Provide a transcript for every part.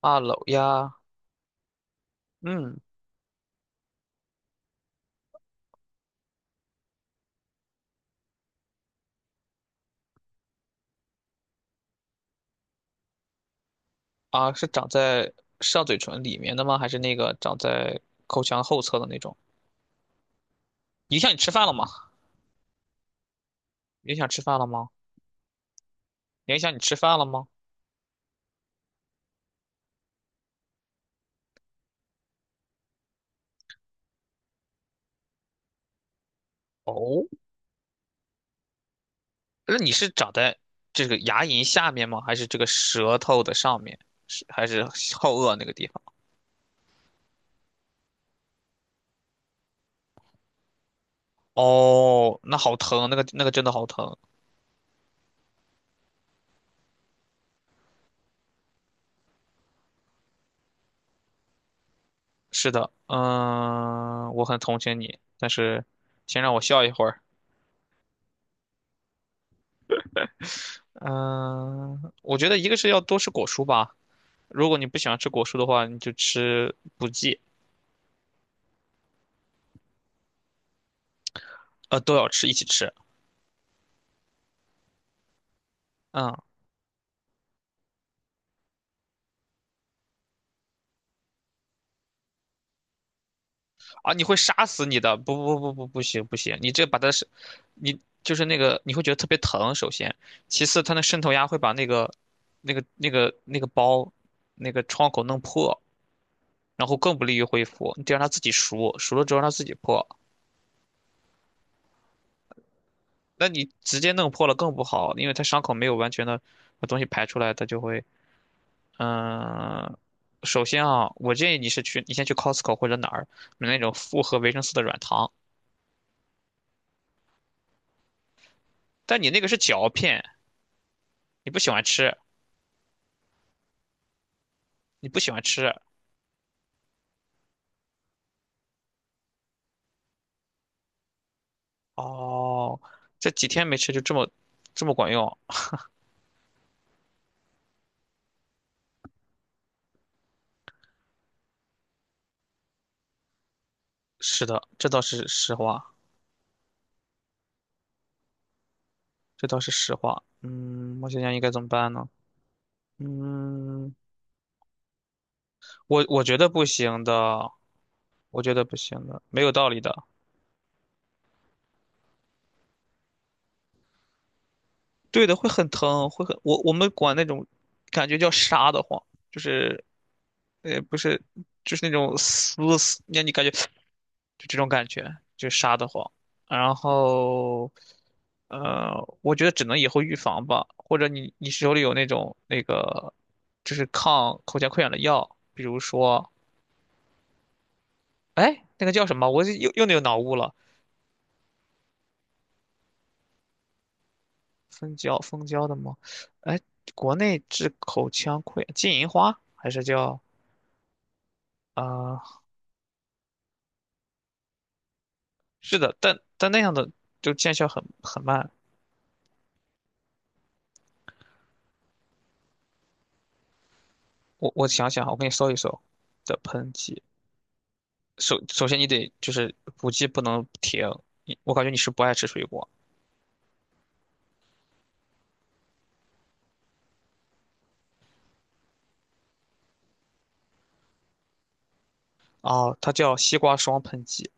啊，楼呀。嗯。啊，是长在上嘴唇里面的吗？还是那个长在口腔后侧的那种？影响你吃饭了吗？影响吃饭了吗？影响你吃饭了吗？哦，那你是长在这个牙龈下面吗？还是这个舌头的上面？是还是后颚那个地方？哦，那好疼，那个真的好疼。是的，嗯，我很同情你，但是先让我笑一会儿。嗯，我觉得一个是要多吃果蔬吧。如果你不喜欢吃果蔬的话，你就吃补剂。都要吃，一起吃。嗯。啊，你会杀死你的，不行，你这把它是。你就是那个你会觉得特别疼，首先，其次它那渗透压会把那个，那个包，那个创口弄破，然后更不利于恢复。你得让它自己熟，熟了之后让它自己破。那你直接弄破了更不好，因为它伤口没有完全的把东西排出来，它就会嗯。首先啊，我建议你是去，你先去 Costco 或者哪儿买那种复合维生素的软糖。但你那个是嚼片，你不喜欢吃，你不喜欢吃。哦，这几天没吃就这么管用？是的，这倒是实话。这倒是实话。嗯，我想想应该怎么办呢？嗯，我觉得不行的，我觉得不行的，没有道理的。对的，会很疼，会很，我们管那种感觉叫杀得慌。就是不是，就是那种撕撕，让你感觉就这种感觉，就杀得慌。然后呃，我觉得只能以后预防吧。或者你你手里有那种那个就是抗口腔溃疡的药，比如说哎那个叫什么，我又有脑雾了。蜂胶的吗？哎，国内治口腔溃疡金银花还是叫？啊、是的，但但那样的就见效很慢。我想想啊，我给你搜一搜的喷剂。首先你得就是补剂不能停，你我感觉你是不爱吃水果。哦，它叫西瓜霜喷剂。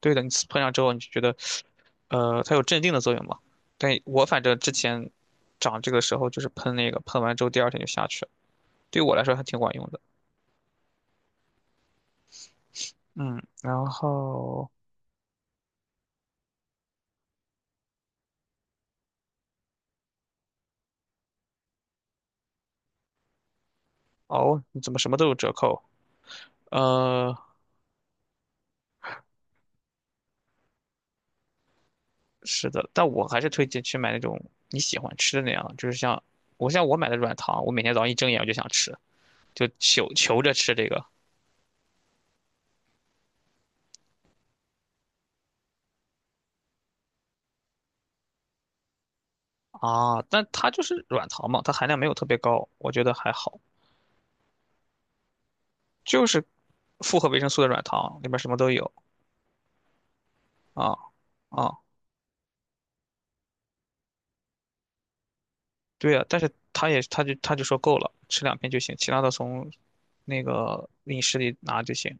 对的，你喷上之后你就觉得，呃，它有镇定的作用嘛。但我反正之前长这个时候就是喷那个，喷完之后第二天就下去了，对我来说还挺管用的。嗯，然后哦，你怎么什么都有折扣？呃，是的，但我还是推荐去买那种你喜欢吃的那样，就是像我像我买的软糖，我每天早上一睁眼我就想吃，就求求着吃这个啊。但它就是软糖嘛，它含量没有特别高，我觉得还好。就是复合维生素的软糖，里面什么都有啊啊，对呀、但是他也他就他就说够了，吃两片就行，其他的从那个饮食里拿就行。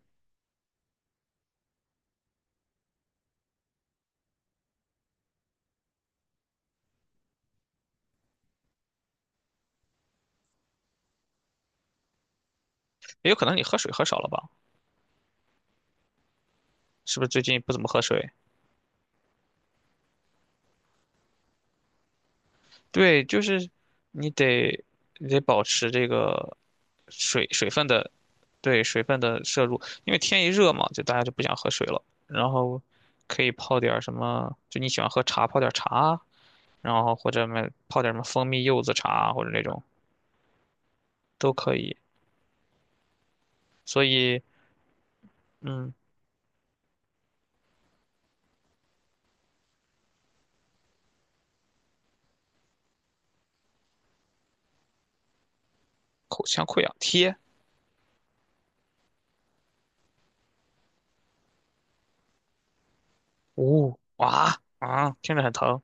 也有可能你喝水喝少了吧？是不是最近不怎么喝水？对，就是你得你得保持这个水水分的，对水分的摄入。因为天一热嘛，就大家就不想喝水了。然后可以泡点儿什么，就你喜欢喝茶，泡点儿茶，然后或者买泡点儿什么蜂蜜柚子茶或者那种都可以。所以，嗯，口腔溃疡贴，呜哇啊，听着很疼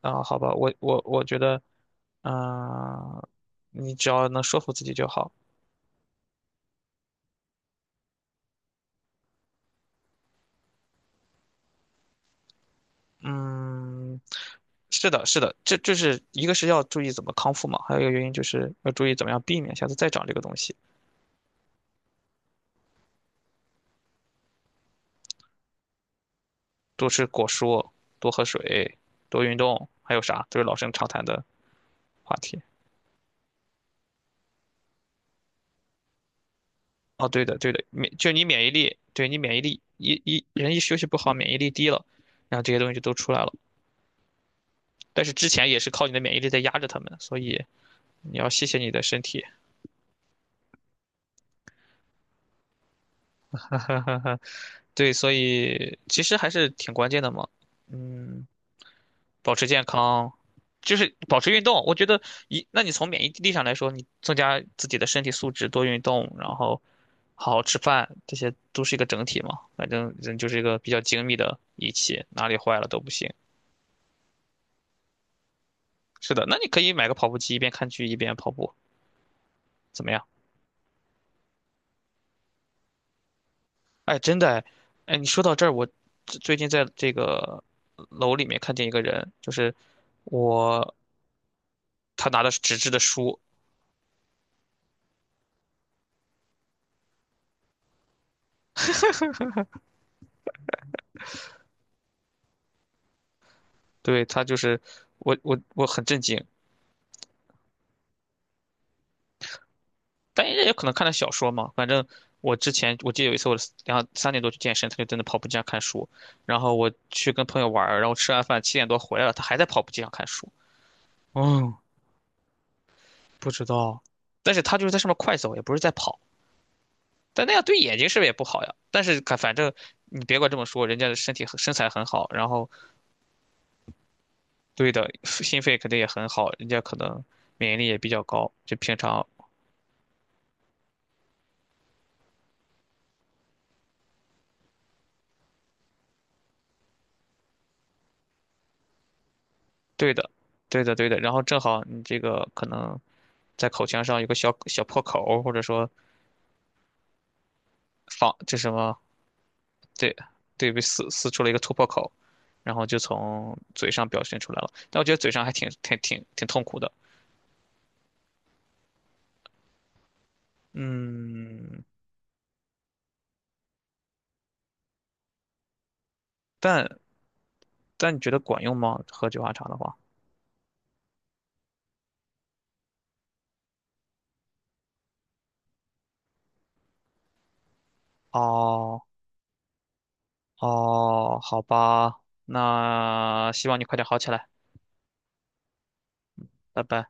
啊。好吧，我觉得，嗯、你只要能说服自己就好。嗯，是的，是的，这就是一个是要注意怎么康复嘛，还有一个原因就是要注意怎么样避免下次再长这个东西。多吃果蔬，多喝水，多运动，还有啥都是老生常谈的话题。哦，对的，对的，免就你免疫力，对你免疫力一人一休息不好，免疫力低了，然后这些东西就都出来了。但是之前也是靠你的免疫力在压着他们，所以你要谢谢你的身体。对，所以其实还是挺关键的嘛。嗯。保持健康，就是保持运动。我觉得一，那你从免疫力上来说，你增加自己的身体素质，多运动，然后好好吃饭，这些都是一个整体嘛。反正人就是一个比较精密的仪器，哪里坏了都不行。是的，那你可以买个跑步机，一边看剧一边跑步，怎么样？哎，真的哎，哎你说到这儿，我最近在这个楼里面看见一个人，就是我，他拿的是纸质的书。对，他就是我很震惊。但人家也可能看的小说嘛。反正我之前我记得有一次我两三点多去健身，他就真的跑步机上看书。然后我去跟朋友玩儿，然后吃完饭七点多回来了，他还在跑步机上看书。嗯，不知道，但是他就是在上面快走，也不是在跑。但那样对眼睛是不是也不好呀？但是看反正你别管这么说，人家的身体很身材很好，然后对的心肺肯定也很好，人家可能免疫力也比较高，就平常对的，对的，对的。然后正好你这个可能在口腔上有个小小破口儿或者说仿这什么，对对，被撕撕出了一个突破口，然后就从嘴上表现出来了。但我觉得嘴上还挺痛苦的。嗯，但但你觉得管用吗？喝菊花茶的话？哦哦，好吧，那希望你快点好起来，拜拜。